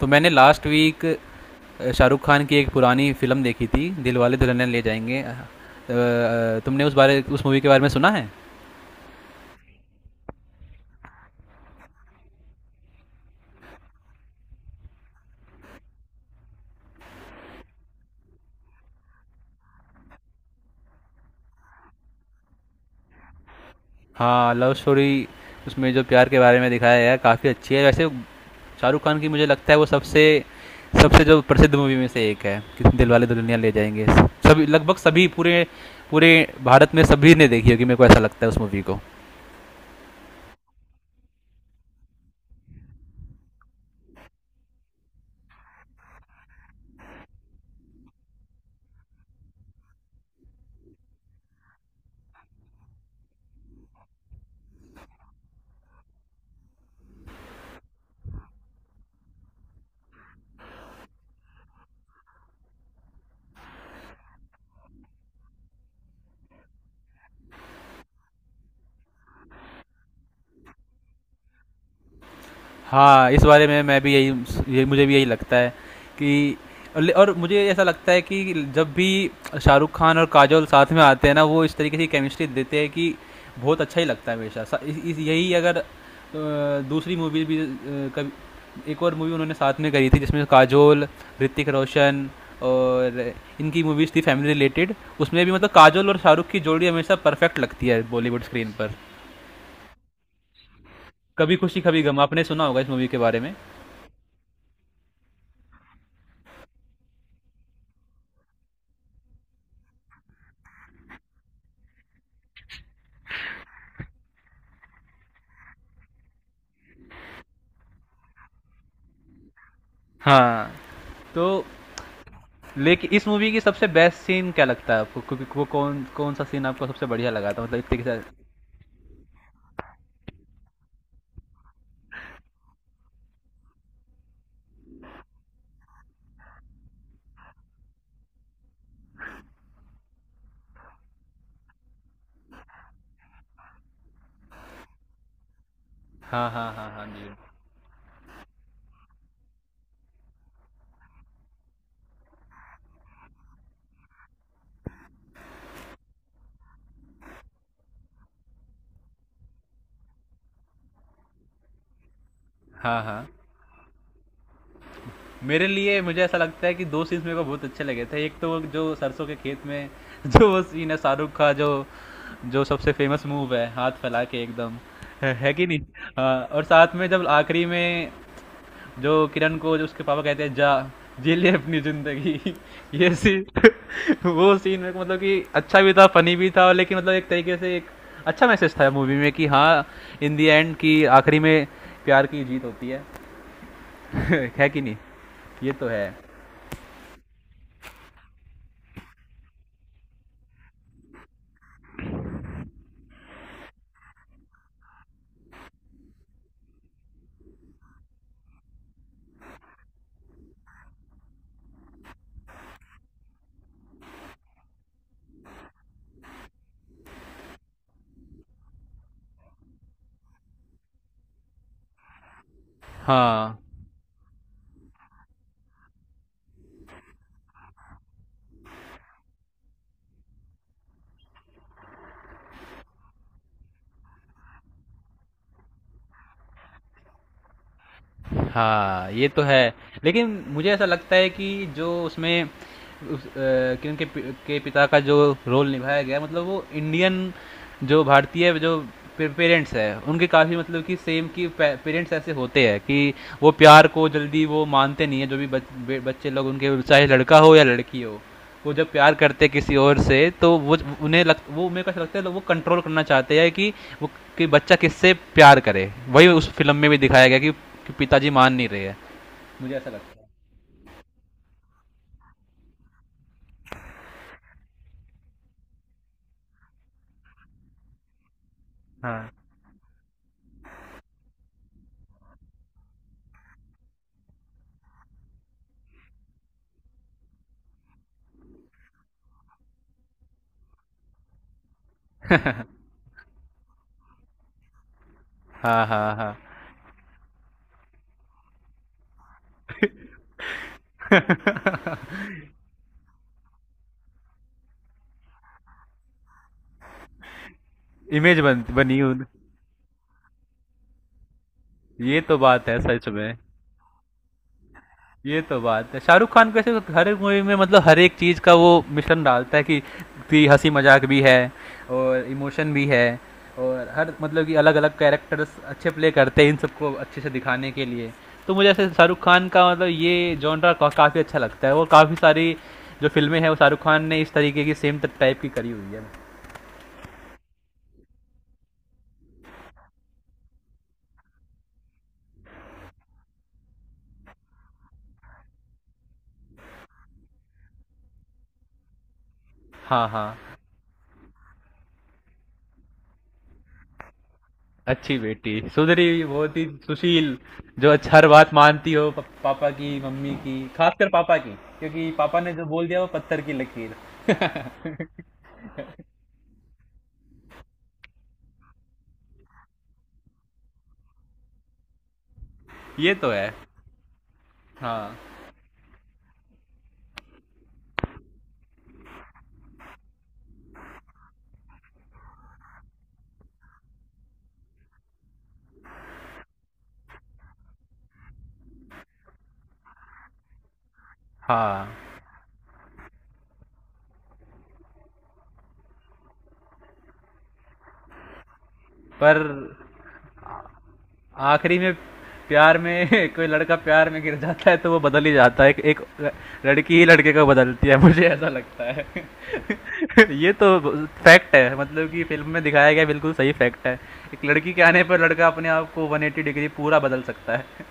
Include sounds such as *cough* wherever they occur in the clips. तो मैंने last week Shahrukh Khan की एक पुरानी फिल्म देखी थी दिल वाले दुल्हनिया ले जाएंगे। तुमने उस बारे उस मूवी के बारे में सुना है। हाँ, लव स्टोरी उसमें जो प्यार के बारे में दिखाया गया है काफ़ी अच्छी है वैसे। शाहरुख खान की मुझे लगता है वो सबसे सबसे जो प्रसिद्ध मूवी में से एक है कि दिल वाले दुल्हनिया ले जाएंगे। सभी लगभग सभी पूरे पूरे भारत में सभी ने देखी होगी मेरे को ऐसा लगता है उस मूवी को। हाँ, इस बारे में मैं भी यही ये मुझे भी यही लगता है कि और मुझे ऐसा लगता है कि जब भी शाहरुख खान और काजोल साथ में आते हैं ना वो इस तरीके की केमिस्ट्री देते हैं कि बहुत अच्छा ही लगता है हमेशा यही अगर दूसरी मूवी भी कभी एक और मूवी उन्होंने साथ में करी थी जिसमें काजोल ऋतिक रोशन और इनकी मूवीज़ थी फैमिली रिलेटेड। उसमें भी मतलब काजोल और शाहरुख की जोड़ी हमेशा परफेक्ट लगती है बॉलीवुड स्क्रीन पर। कभी खुशी कभी गम आपने सुना होगा इस मूवी के बारे में। हाँ। तो लेकिन इस मूवी की सबसे बेस्ट सीन क्या लगता है आपको, क्योंकि वो कौन कौन सा सीन आपको सबसे बढ़िया लगा था मतलब इतने के साथ। हाँ, हाँ, हाँ, हाँ जी, हाँ हाँ। मेरे लिए मुझे ऐसा लगता है कि दो सीन्स मेरे को बहुत अच्छे लगे थे। एक तो वो जो सरसों के खेत में *laughs* जो वो सीन है शाहरुख का, जो जो सबसे फेमस मूव है हाथ फैला के एकदम। है कि नहीं। हाँ, और साथ में जब आखिरी में जो किरण को जो उसके पापा कहते हैं जा जी ले अपनी जिंदगी। ये सीन *laughs* वो सीन मेरे को मतलब कि अच्छा भी था फनी भी था, और लेकिन मतलब एक तरीके से एक अच्छा मैसेज था मूवी में कि हाँ इन दी एंड कि आखिरी में प्यार की जीत होती है। *laughs* है कि नहीं। ये तो है। हाँ। हाँ ये तो है। लेकिन मुझे ऐसा लगता है कि जो उसमें उस, अ, कि उनके पि- के पिता का जो रोल निभाया गया, मतलब वो इंडियन जो भारतीय जो पेरेंट्स है उनके काफ़ी मतलब कि सेम कि पेरेंट्स ऐसे होते हैं कि वो प्यार को जल्दी वो मानते नहीं है। जो भी बच्चे लोग उनके चाहे लड़का हो या लड़की हो, वो जब प्यार करते हैं किसी और से तो वो उन्हें लग वो उन्हें कैसा लगता है वो कंट्रोल करना चाहते हैं कि वो कि बच्चा किससे प्यार करे। वही उस फिल्म में भी दिखाया गया कि पिताजी मान नहीं रहे हैं। मुझे ऐसा लगता है। हाँ, हाँ, हाँ, हाँ। इमेज बन बनी उन। ये तो बात है सच में। ये तो बात है शाहरुख खान कैसे हर एक मूवी में मतलब हर एक चीज़ का वो मिश्रण डालता है कि हंसी मजाक भी है और इमोशन भी है, और हर मतलब कि अलग अलग कैरेक्टर्स अच्छे प्ले करते हैं इन सबको अच्छे से दिखाने के लिए। तो मुझे ऐसे शाहरुख खान का मतलब ये जॉनरा काफ़ी अच्छा लगता है, और काफ़ी सारी जो फिल्में हैं वो शाहरुख खान ने इस तरीके की सेम टाइप की करी हुई है। हाँ, हाँ। अच्छी बेटी सुधरी बहुत ही सुशील जो अच्छा हर बात मानती हो पापा की मम्मी की, खासकर पापा की, क्योंकि पापा ने जो बोल दिया वो पत्थर की लकीर। ये तो है। हाँ, हाँ। पर आखिरी में प्यार में *laughs* कोई लड़का प्यार में गिर जाता है तो वो बदल ही जाता है। एक एक लड़की ही लड़के को बदलती है मुझे ऐसा लगता है। *laughs* ये तो फैक्ट है मतलब कि फिल्म में दिखाया गया बिल्कुल सही फैक्ट है। एक लड़की के आने पर लड़का अपने आप को 180 डिग्री पूरा बदल सकता है।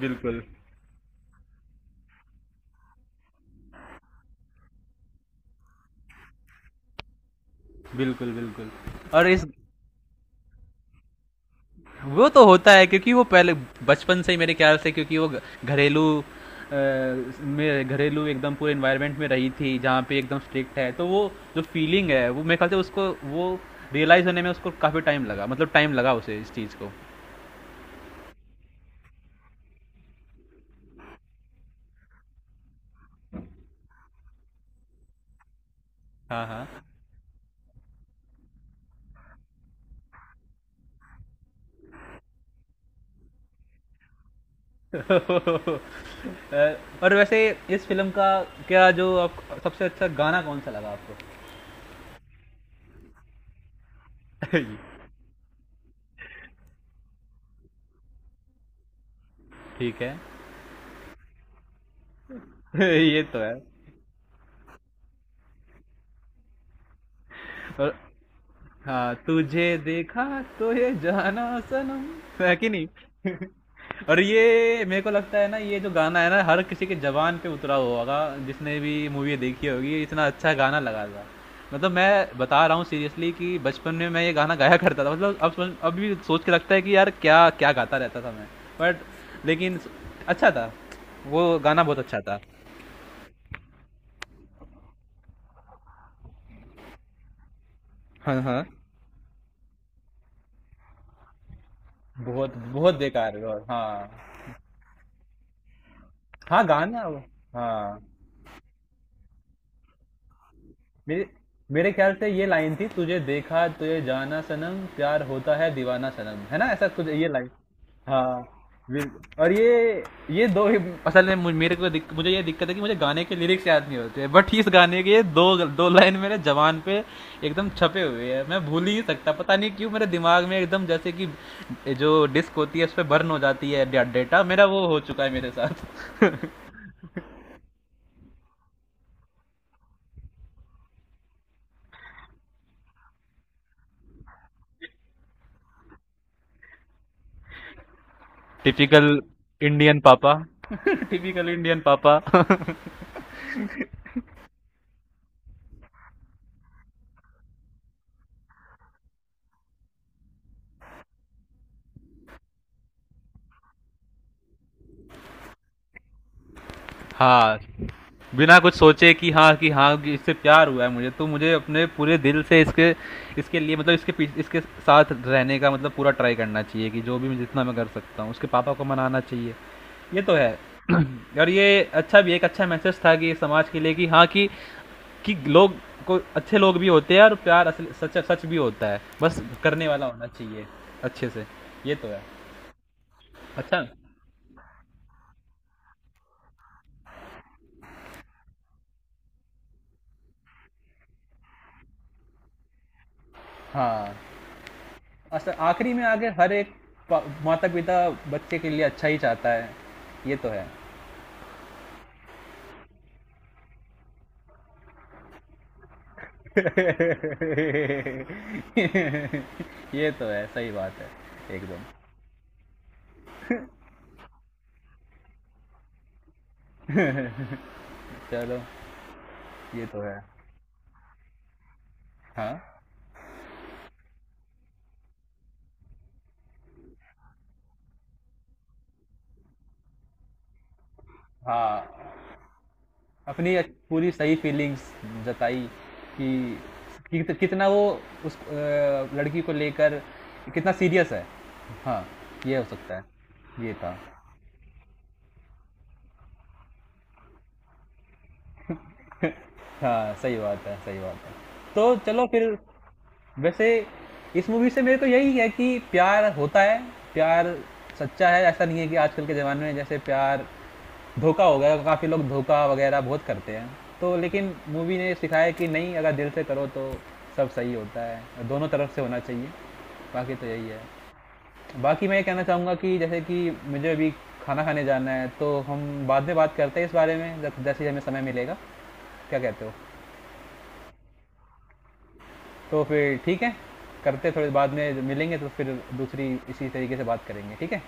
बिल्कुल, बिल्कुल, बिल्कुल। और इस वो तो होता है क्योंकि वो पहले बचपन से ही मेरे ख्याल से क्योंकि वो घरेलू अ, में घरेलू एकदम पूरे इन्वायरमेंट में रही थी जहाँ पे एकदम स्ट्रिक्ट है, तो वो जो फीलिंग है वो मेरे ख्याल से उसको वो रियलाइज होने में उसको काफ़ी टाइम लगा, मतलब टाइम लगा उसे इस चीज़ को। हाँ, हाँ। *laughs* अ, और वैसे इस फिल्म का क्या जो आप सबसे अच्छा गाना कौन सा लगा आपको। *laughs* ठीक है। *laughs* ये तो है। और हाँ तुझे देखा। तो ये जाना सनम है कि नहीं। *laughs* और ये मेरे को लगता है ना ये जो गाना है ना हर किसी के जबान पे उतरा हुआ होगा। जिसने भी मूवी देखी होगी ये इतना अच्छा गाना लगा था। मतलब मैं बता रहा हूँ सीरियसली कि बचपन में मैं ये गाना गाया करता था। मतलब अब भी सोच के लगता है कि यार क्या क्या गाता रहता था मैं। बट लेकिन अच्छा था। वो गाना बहुत अच्छा था। हाँ, हाँ। बहुत बहुत बेकार है और हाँ। हाँ गाना। हाँ। मेरे मेरे ख्याल से ये लाइन थी तुझे देखा तुझे जाना सनम प्यार होता है दीवाना सनम है ना ऐसा कुछ ये लाइन। हाँ। बिल- और ये दो ही असल में मुझे ये दिक्कत है कि मुझे गाने के लिरिक्स याद नहीं होते हैं, बट इस गाने के ये दो दो लाइन मेरे जवान पे एकदम छपे हुए हैं मैं भूल ही नहीं सकता। पता नहीं क्यों मेरे दिमाग में एकदम जैसे कि जो डिस्क होती है उस पर बर्न हो जाती है डेटा मेरा वो हो चुका है मेरे साथ। *laughs* टिपिकल इंडियन पापा। *laughs* टिपिकल इंडियन पापा। *laughs* हाँ। बिना कुछ सोचे कि हाँ कि हाँ कि इससे प्यार हुआ है मुझे तो मुझे अपने पूरे दिल से इसके इसके लिए मतलब इसके पीछे इसके साथ रहने का मतलब पूरा ट्राई करना चाहिए कि जो भी मैं जितना मैं कर सकता हूँ उसके पापा को मनाना चाहिए। ये तो है। *clears throat* और ये अच्छा भी एक अच्छा मैसेज था कि समाज के लिए कि हाँ कि लोग को अच्छे लोग भी होते हैं और प्यार असल सच सच भी होता है बस करने वाला होना चाहिए अच्छे से। ये तो है। अच्छा। हाँ, असल आखिरी में आगे हर एक माता पिता बच्चे के लिए अच्छा ही चाहता है। ये तो है। *laughs* ये तो है सही बात है एकदम। चलो। ये तो है। हाँ, हाँ। पूरी सही फीलिंग्स जताई कि कितना वो उस लड़की को लेकर कितना सीरियस है। हाँ ये हो सकता है ये था। हाँ, सही बात है सही बात है। तो चलो फिर। वैसे इस मूवी से मेरे को यही है कि प्यार होता है। प्यार सच्चा है। ऐसा नहीं है कि आजकल के ज़माने में जैसे प्यार धोखा हो गया, काफ़ी लोग धोखा वगैरह बहुत करते हैं। तो लेकिन मूवी ने सिखाया कि नहीं, अगर दिल से करो तो सब सही होता है। दोनों तरफ से होना चाहिए। बाकी तो यही है। बाकी मैं ये कहना चाहूँगा कि जैसे कि मुझे अभी खाना खाने जाना है तो हम बाद में बात करते हैं इस बारे में जैसे ही हमें समय मिलेगा। क्या कहते हो। तो फिर ठीक है। करते हैं, थोड़ी बाद में मिलेंगे तो फिर दूसरी इसी तरीके से बात करेंगे ठीक है।